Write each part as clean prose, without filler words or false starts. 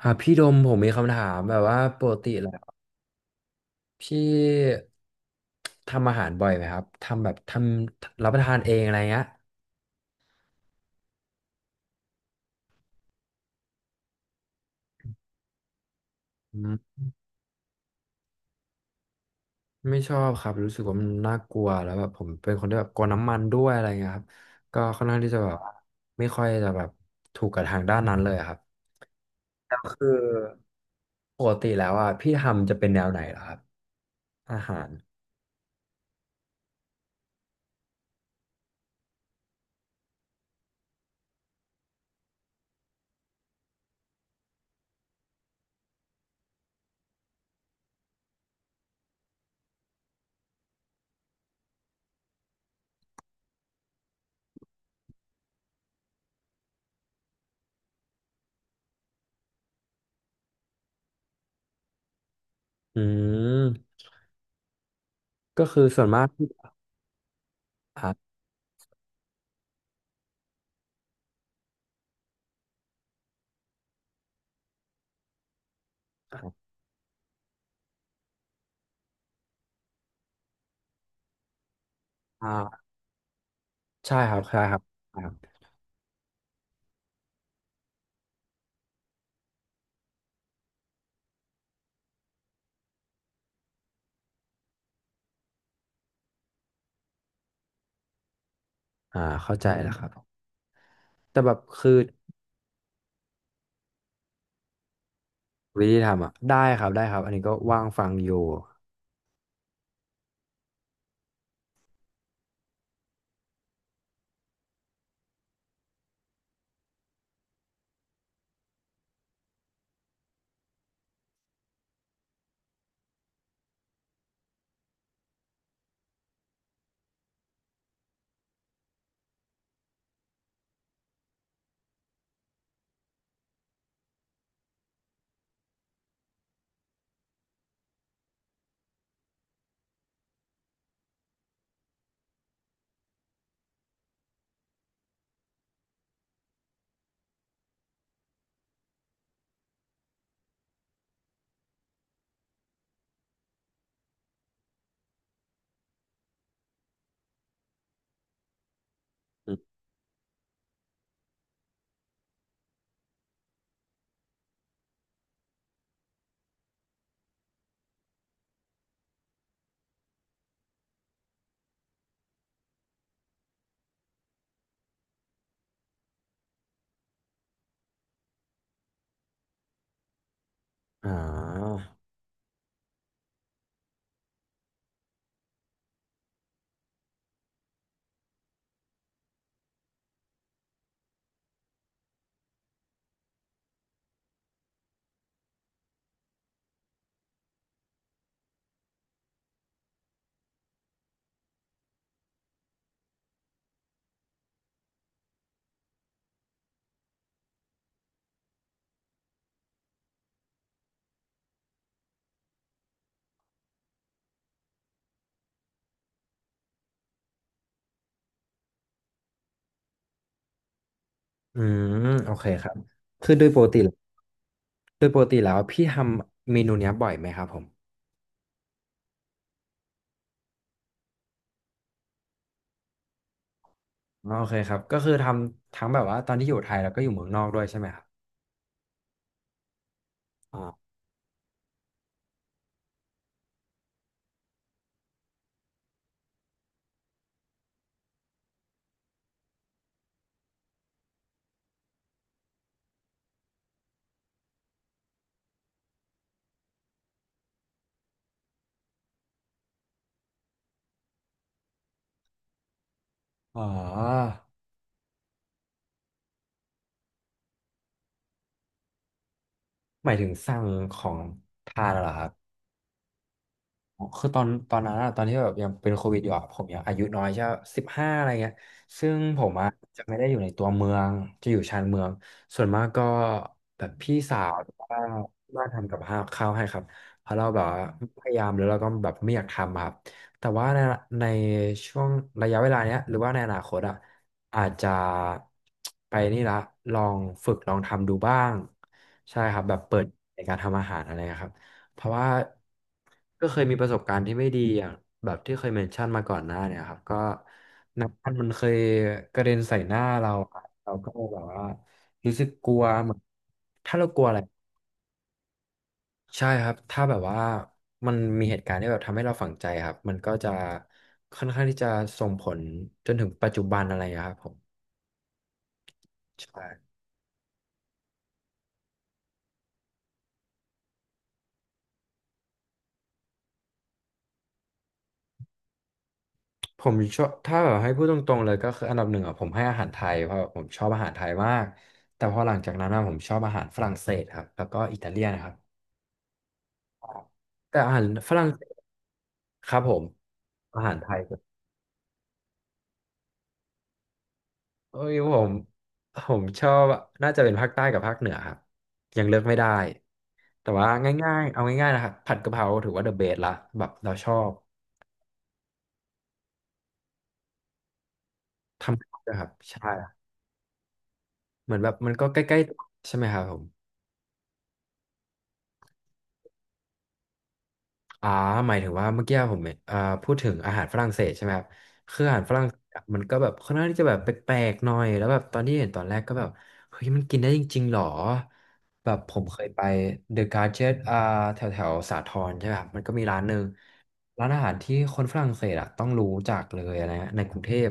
ครับพี่ดมผมมีคำถามแบบว่าปกติแล้วพี่ทำอาหารบ่อยไหมครับทำแบบทำรับประทานเองอะไรเงี้ยอืมไม่ชอบครับรู้สึกว่ามันน่ากลัวแล้วแบบผมเป็นคนที่แบบกลัวน้ำมันด้วยอะไรเงี้ยครับก็ค่อนข้างที่จะแบบว่าไม่ค่อยจะแบบถูกกับทางด้านนั้นเลยอะครับแล้วคือปกติแล้วอ่ะพี่ทำจะเป็นแนวไหนเหรอครับอาหารอืมก็คือส่วนมากพี่อ่าอ่าใช่ครับใช่ครับครับอ่าเข้าใจแล้วครับ แต่แบบคือวิธีทำอ่ะได้ครับได้ครับอันนี้ก็ว่างฟังอยู่อืมอ่าอืมโอเคครับคือโดยปกติโดยปกติแล้วพี่ทำเมนูเนี้ยบ่อยไหมครับผมอ๋อโอเคครับก็คือทำทั้งแบบว่าตอนที่อยู่ไทยแล้วก็อยู่เมืองนอกด้วยใช่ไหมครับอ่าอ๋อหมายถึงสั่งของทานเหรอครับ อ๋อคือตอนนั้นอะตอนที่แบบยังเป็นโควิดอยู่อะผมยังอายุน้อยใช่15อะไรเงี้ยซึ่งผมอะจะไม่ได้อยู่ในตัวเมืองจะอยู่ชานเมืองส่วนมากก็แบบพี่สาวหรือว่าที่บ้านทำกับข้าวให้ครับเพราะเราแบบว่าพยายามหรือเราก็แบบไม่อยากทำอะครับแต่ว่าในในช่วงระยะเวลาเนี้ยหรือว่าในอนาคตอะอาจจะไปนี่ละลองฝึกลองทำดูบ้างใช่ครับแบบเปิดในการทำอาหารอะไรนะครับ เพราะว่าก็เคยมีประสบการณ์ที่ไม่ดีอย่างแบบที่เคยเมนชั่นมาก่อนหน้าเนี่ยครับก็น้ำมันมันเคยกระเด็นใส่หน้าเราอะเราก็แบบว่ารู้สึกกลัวเหมือนถ้าเรากลัวอะไรใช่ครับถ้าแบบว่ามันมีเหตุการณ์ที่แบบทำให้เราฝังใจครับมันก็จะค่อนข้างที่จะส่งผลจนถึงปัจจุบันอะไรอย่างเงี้ยครับผมใช่ ผมชอบถ้าแบบให้พูดตรงๆเลยก็คืออันดับหนึ่งอ่ะผมให้อาหารไทยเพราะผมชอบอาหารไทยมากแต่พอหลังจากนั้นอะผมชอบอาหารฝรั่งเศสครับแล้วก็อิตาเลียนครับแต่อาหารฝรั่งเศสครับผมอาหารไทยครับเอ้ยผมชอบน่าจะเป็นภาคใต้กับภาคเหนือครับยังเลือกไม่ได้แต่ว่าง่ายๆเอาง่ายๆนะครับผัดกะเพราถือว่าเดอะเบสละแบบเราชอบทำนะครับใช่เหมือนแบบมันก็ใกล้ๆใช่ไหมครับผม อ่าหมายถึงว่าเมื่อกี้ผมอ่าพูดถึงอาหารฝรั่งเศสใช่ไหมครับคืออาหารฝรั่งเศสอะมันก็แบบค่อนข้างที่จะแบบแปลกๆหน่อยแล้วแบบตอนที่เห็นตอนแรกก็แบบเฮ้ยมันกินได้จริงๆหรอแบบผมเคยไปเดอะการ์เจตแถวแถวสาทรใช่ไหมครับมันก็มีร้านหนึ่งร้านอาหารที่คนฝรั่งเศสอ่ะต้องรู้จักเลยนะฮะในกรุงเทพ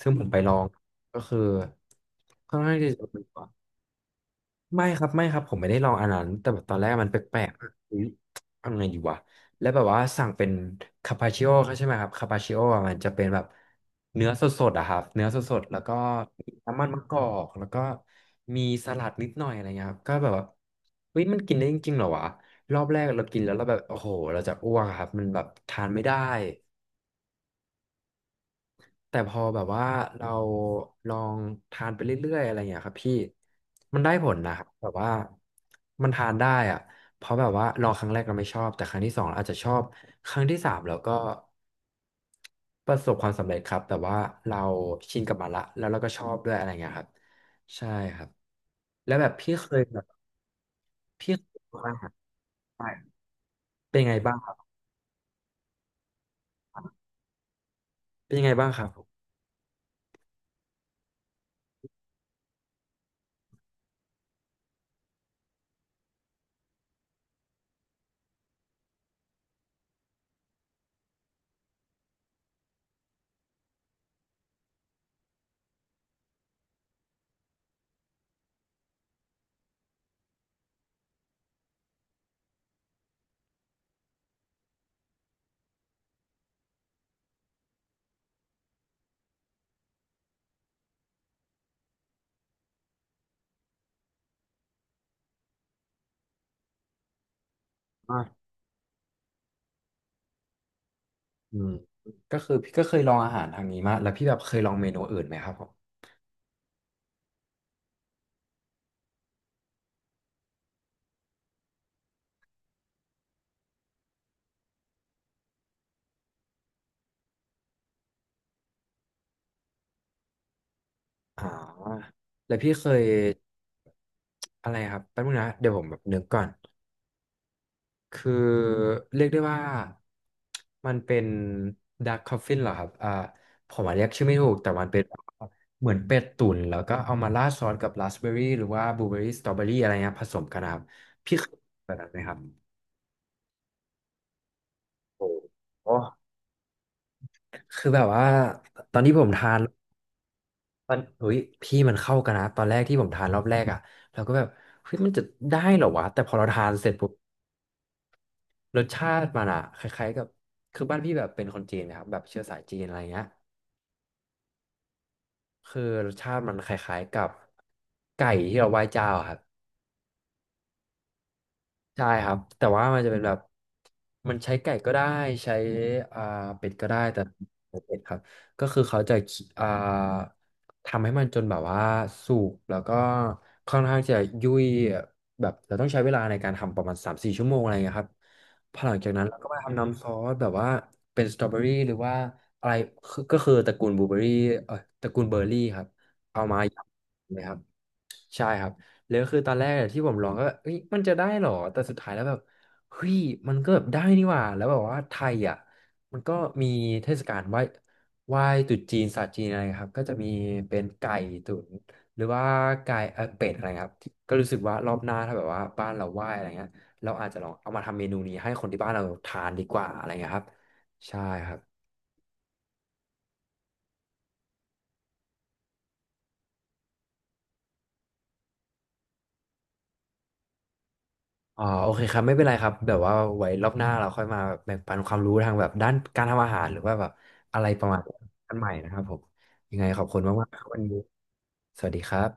ซึ่งผมไปลองก็คือค่อนข้างที่จะ ไม่ครับไม่ครับผมไม่ได้ลองอันนั้นแต่แบบตอนแรกมันแปลกๆอะอุ๊ยทำไงดีวะแล้วแบบว่าสั่งเป็นคาปาชิโอใช่ไหมครับคาปาชิโอมันจะเป็นแบบเนื้อสดๆอะครับเนื้อสดๆแล้วก็มีน้ำมันมะกอกแล้วก็มีสลัดนิดหน่อยอะไรเงี้ยครับก็แบบว่าเฮ้ยมันกินได้จริงๆเหรอวะรอบแรกเรากินแล้วเราแบบโอ้โหเราจะอ้วกอะครับมันแบบทานไม่ได้ แต่พอแบบว่าเราลองทานไปเรื่อยๆอะไรอย่างเงี้ยครับพี่มันได้ผลนะครับแบบว่ามันทานได้อะเพราะแบบว่าลองครั้งแรกเราไม่ชอบแต่ครั้งที่สองเราอาจจะชอบครั้งที่สามเราก็ประสบความสำเร็จครับแต่ว่าเราชินกับมันละแล้วเราก็ชอบด้วยอะไรอย่างเงี้ยครับใช่ครับแล้วแบบพี่เคยแบบพี่เคยทำอาหารใต้เป็นไงบ้างครับเป็นยังไงบ้างครับผมว่าอืมก็คือพี่ก็เคยลองอาหารทางนี้มาแล้วพี่แบบเคยลองเมนูอื่นไหมครับผม อ่าแล้วพี่เคยอะไรครับแป๊บนึงนะเดี๋ยวผมแบบนึกก่อนคือเรียกได้ว่ามันเป็นด a r k กคอฟฟินเหรอครับผมอาจเรียกชื่อไม่ถูกแต่มันเป็นเหมือนเป็ดตุ๋นแล้วก็เอามาราดซอสกับราสเบอร์รี่หรือว่าบลูเบอร์รี่สตรอเบอรี่อะไรเงี้ยผสมกันนะครับพี่เคยแบบนั้นไหมครับโอ้โหคือแบบว่าตอนที่ผมทาน มันอุ้ยพี่มันเข้ากันนะตอนแรกที่ผมทานรอบแรกอ่ะเราก็แบบเฮ้ยมันจะได้เหรอวะแต่พอเราทานเสร็จปุ๊บรสชาติมันอ่ะคล้ายๆกับคือบ้านพี่แบบเป็นคนจีนนะครับแบบเชื้อสายจีนอะไรเงี้ยคือรสชาติมันคล้ายๆกับไก่ที่เราไหว้เจ้าอะครับ ใช่ครับแต่ว่ามันจะเป็นแบบมันใช้ไก่ก็ได้ใช้อ่าเป็ดก็ได้แต่เป็ดครับก็คือเขาจะอ่าทำให้มันจนแบบว่าสุกแล้วก็ค่อนข้างจะยุ่ยแบบเราต้องใช้เวลาในการทำประมาณสามสี่ชั่วโมงอะไรเงี้ยครับพอหลังจากนั้นเราก็มาทำน้ำซอสแบบว่าเป็นสตรอเบอรี่หรือว่าอะไรคือก็คือตระกูลบลูเบอรี่เออตระกูลเบอร์รี่ครับเอามายำเลยครับ ใช่ครับแล้วคือตอนแรกอะที่ผมลองก็แบบเอ้ยมันจะได้เหรอ แต่สุดท้ายแล้วแบบเฮ้ยมันก็แบบได้นี่หว่าแล้วแบบว่าไทยอ่ะมันก็มีเทศกาลไหว้ตรุษจีนศาสตร์จีนอะไรครับก็จะมีเป็นไก่ตุ๋นหรือว่าไก่เป็ดอะไรครับก็รู้สึกว่ารอบหน้าถ้าแบบว่าบ้านเราไหว้อะไรเงี้ยเราอาจจะลองเอามาทำเมนูนี้ให้คนที่บ้านเราทานดีกว่าอะไรเงี้ยครับใช่ครับ อ๋อโอเคครับไม่เป็นไรครับแบบว่าไว้รอบหน้าเราค่อยมาแบ่งปันความรู้ทางแบบด้านการทำอาหารหรือว่าแบบอะไรประมาณนั้นกันใหม่นะครับผม ยังไงขอบคุณมากๆครับวันนี้สวัสดีครับ